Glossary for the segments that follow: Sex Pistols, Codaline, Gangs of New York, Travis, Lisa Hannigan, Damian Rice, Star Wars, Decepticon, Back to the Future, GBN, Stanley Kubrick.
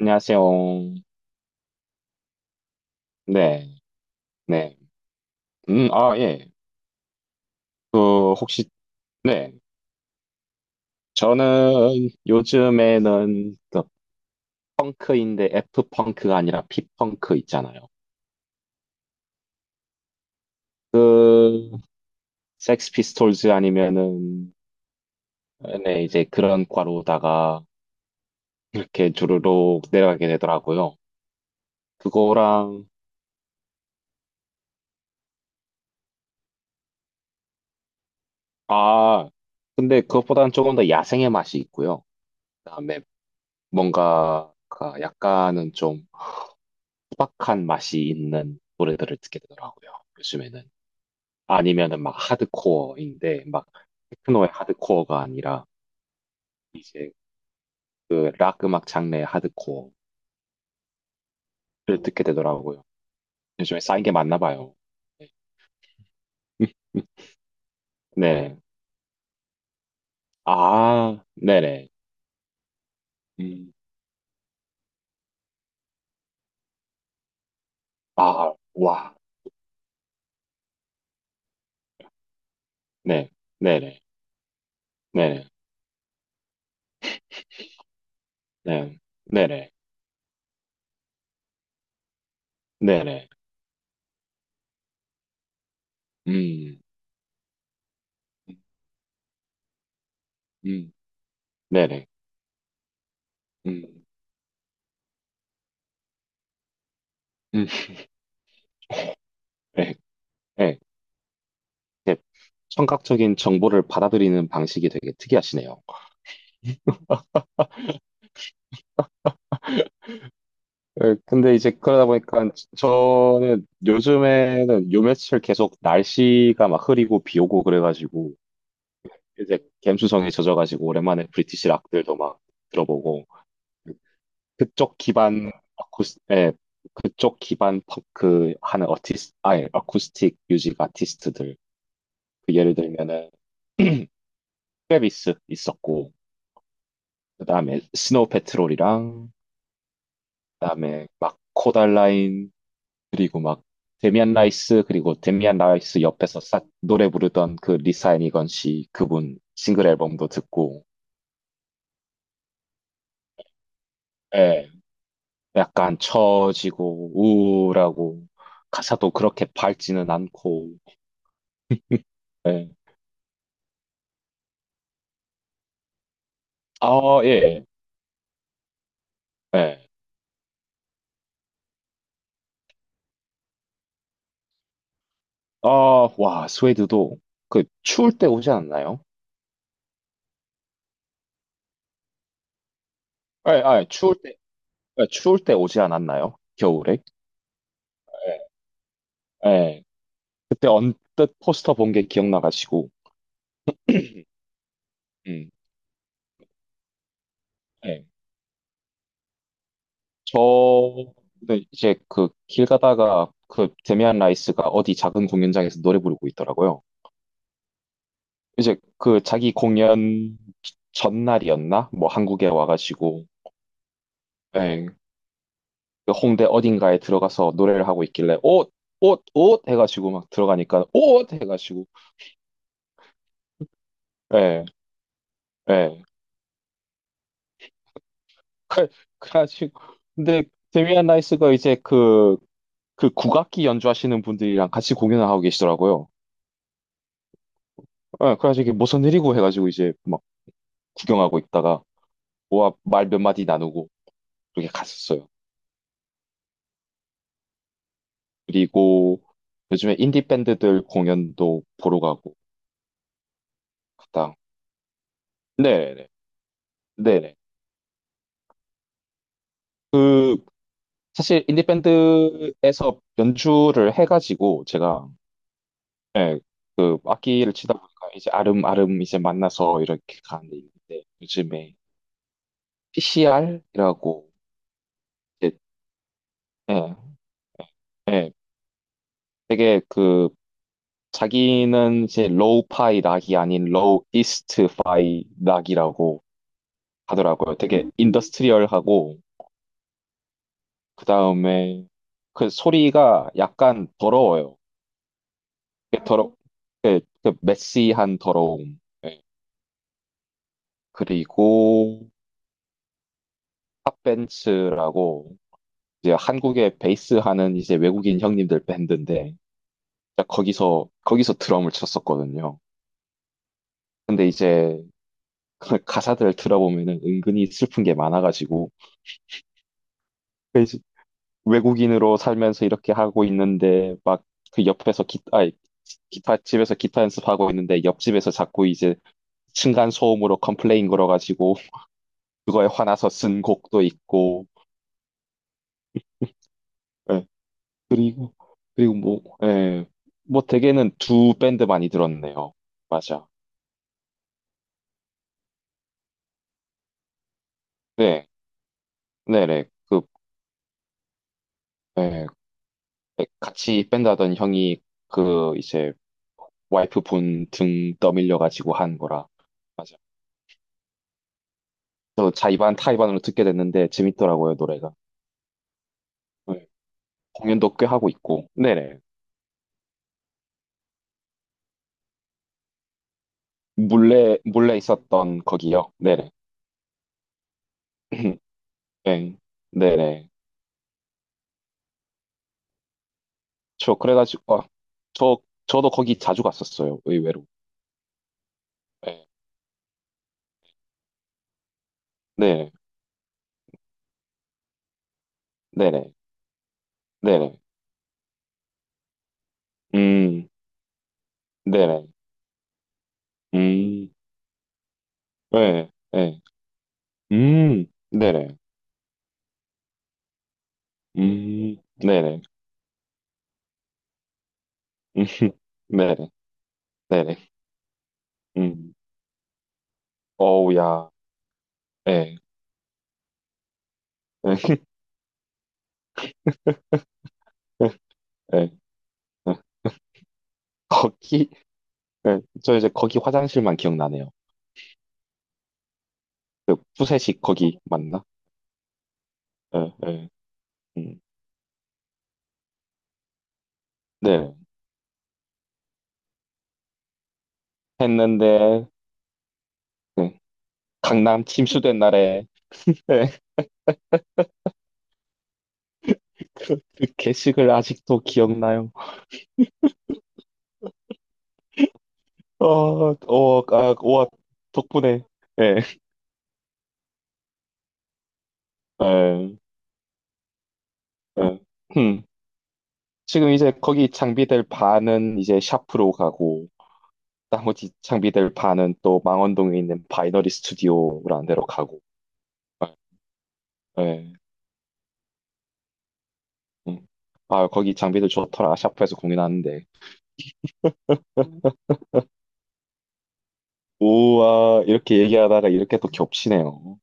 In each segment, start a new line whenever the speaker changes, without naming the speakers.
안녕하세요. 네, 네. 아, 예. 그, 혹시, 네. 저는 요즘에는 그 펑크인데 F펑크가 아니라 P펑크 있잖아요. 그, 섹스 피스톨즈 아니면은, 네, 이제 그런 과로다가 이렇게 주르륵 내려가게 되더라고요. 그거랑, 아, 근데 그것보다는 조금 더 야생의 맛이 있고요. 그다음에 뭔가, 약간은 좀, 소박한 맛이 있는 노래들을 듣게 되더라고요. 요즘에는. 아니면은 막 하드코어인데 막 테크노의 하드코어가 아니라 이제 그 락 음악 장르의 하드코어를 듣게 되더라고요. 요즘에 쌓인 게 많나 봐요. 네. 네. 아, 네네. 음. 아, 와. 네. 네네. 네네. 네. 네네. 네네. 음. 음. 음. 네네. 음. 음. 네. 이렇게 청각적인 정보를 받아들이는 방식이 되게 특이하시네요. 예, 근데 이제 그러다 보니까 저는 요즘에는 요 며칠 계속 날씨가 막 흐리고 비 오고 그래가지고 이제 갬수성에 젖어가지고 오랜만에 브리티시 락들도 막 들어보고 그쪽 기반 예, 그쪽 기반 펑크 하는 아예 어쿠스틱 뮤직 아티스트들 그 예를 들면은 트래비스 있었고 그다음에 스노우 패트롤이랑 그다음에 막 코달라인 그리고 막 데미안 라이스 그리고 데미안 라이스 옆에서 싹 노래 부르던 그 리사 애니건 씨 그분 싱글 앨범도 듣고 예 약간 처지고 우울하고 가사도 그렇게 밝지는 않고 예. 아, 예. 예. 예. 아, 와, 스웨드도 그 추울 때 오지 않았나요? 예, 아, 추울 때 예, 추울 때 오지 않았나요? 겨울에? 예. 예. 그때 언뜻 포스터 본 게 기억나가지고 음. 예. 저는 이제 그 길 가다가 그 데미안 라이스가 어디 작은 공연장에서 노래 부르고 있더라고요. 이제 그 자기 공연 전날이었나? 뭐 한국에 와가지고 예, 그 홍대 어딘가에 들어가서 노래를 하고 있길래 옷 해가지고 막 들어가니까 옷 해가지고 예, 예. 그래- 그래가지고 근데 데미안 라이스가 이제 그 국악기 연주하시는 분들이랑 같이 공연을 하고 계시더라고요. 예, 그래가지고 이게 무슨 일이고 해가지고 이제 막 구경하고 있다가 모아 말 몇 마디 나누고 그렇게 갔었어요. 그리고 요즘에 인디 밴드들 공연도 보러 가고 갔다. 네네 네네. 그 사실 인디 밴드에서 연주를 해가지고 제가 예, 그 악기를 치다 보니까 이제 아름아름 이제 만나서 이렇게 가는 데 있는데 요즘에 PCR이라고 이제 예, 예, 되게 그 자기는 이제 로우 파이 락이 아닌 로우 이스트 파이 락이라고 하더라고요. 되게 인더스트리얼하고 그 다음에 그 소리가 약간 더러워요. 이게 더러 그, 메시한 더러움. 예. 그리고 팝벤츠라고 이제 한국에 베이스 하는 이제 외국인 형님들 밴드인데 거기서 드럼을 쳤었거든요. 근데 이제 그 가사들을 들어보면은 은근히 슬픈 게 많아가지고 외국인으로 살면서 이렇게 하고 있는데 막 그 옆에서 기타 아니, 기타 집에서 기타 연습하고 있는데 옆집에서 자꾸 이제 층간 소음으로 컴플레인 걸어가지고 그거에 화나서 쓴 곡도 있고 예. 그리고 뭐 예. 뭐 대개는 두 밴드 많이 들었네요. 맞아. 네. 네네. 그 예. 네, 같이 밴드 하던 형이 그 이제 와이프 분 등 떠밀려 가지고 한 거라. 맞아. 저 자이반 타이반으로 듣게 됐는데 재밌더라고요, 노래가. 네. 공연도 꽤 하고 있고. 네네. 몰래, 몰래 있었던 거기요. 네네. 네. 네네. 저 그래가지고, 아, 저, 저도 거기 자주 갔었어요, 의외로. 예. 네. 네네. 네네. 네네. 음, 네네. 음, 네. 네. 네네. 네네. 음, 네네. 네네. 음, 어우, 야. 네. 네. 네. 거기, 예, 저 이제 거기 화장실만 기억나네요. 그 푸세식 거기 맞나? 예, 예, 음, 네. 했는데, 예, 강남 침수된 날에, 예, 그, 개식을 아직도 기억나요. 어, 어, 아, 와, 덕분에, 예, 예, 예. 음, 지금 이제 거기 장비될 반은 이제 샤프로 가고, 나머지 장비될 반은 또 망원동에 있는 바이너리 스튜디오라는 데로 가고, 예. 예. 응. 아, 거기 장비들 좋더라. 샤프에서 공연하는데. 우와, 이렇게 얘기하다가 이렇게 또 겹치네요.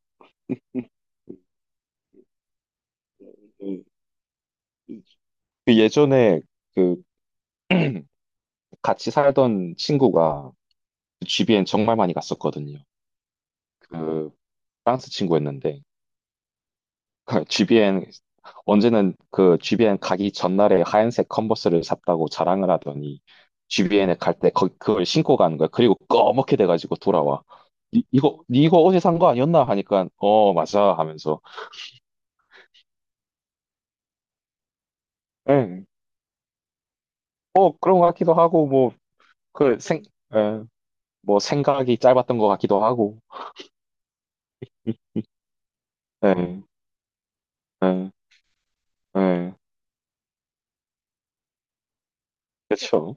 음, 그 예전에 그 같이 살던 친구가 그 GBN 정말 많이 갔었거든요. 그 프랑스 친구였는데 GBN 언제는 그 GBN 가기 전날에 하얀색 컨버스를 샀다고 자랑을 하더니 GBN에 갈 때 그걸 신고 가는 거야. 그리고 꺼멓게 돼가지고 돌아와. 니 이거 어제 산 거 아니었나 하니까 어 맞아 하면서 예. 뭐 그런 것 같기도 하고 뭐 그 생, 예. 뭐 생각이 짧았던 것 같기도 하고. 예. 예. 예. 그렇죠.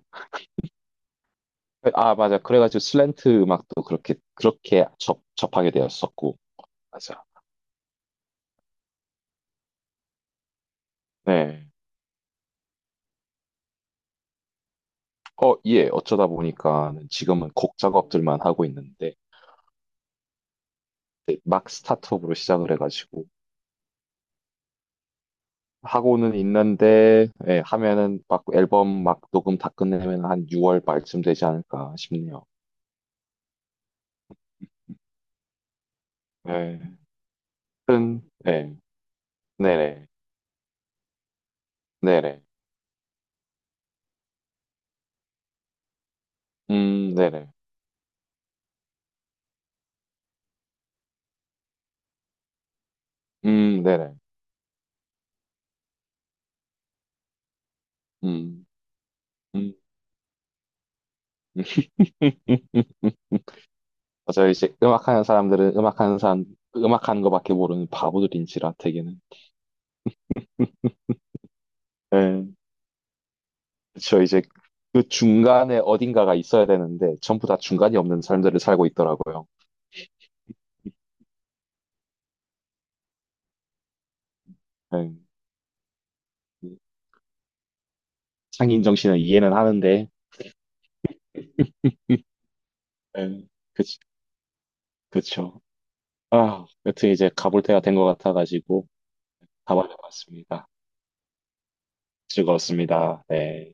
아, 맞아. 그래가지고 슬랜트 음악도 그렇게 그렇게 접 접하게 되었었고. 맞아. 네. 어, 예. 어쩌다 보니까는 지금은 곡 작업들만 하고 있는데 이제 막 스타트업으로 시작을 해가지고 하고는 있는데 예, 하면은 막 앨범 막 녹음 다 끝내면 한 6월 말쯤 되지 않을까 싶네요. 예. 하여튼, 예. 네네. 네네. 네네. 네네. 음, 음. 맞아요. 이제 음악하는 사람들은 음악하는 것밖에 모르는 바보들인지라 되게는. 네. 그쵸. 이제 그 중간에 어딘가가 있어야 되는데 전부 다 중간이 없는 삶들을 살고 있더라고요. 네. 인 정신은 이해는 하는데. 네. 그치. 그쵸. 아, 여튼 이제 가볼 때가 된 것 같아가지고 가봐야 겠습니다 즐거웠습니다. 네.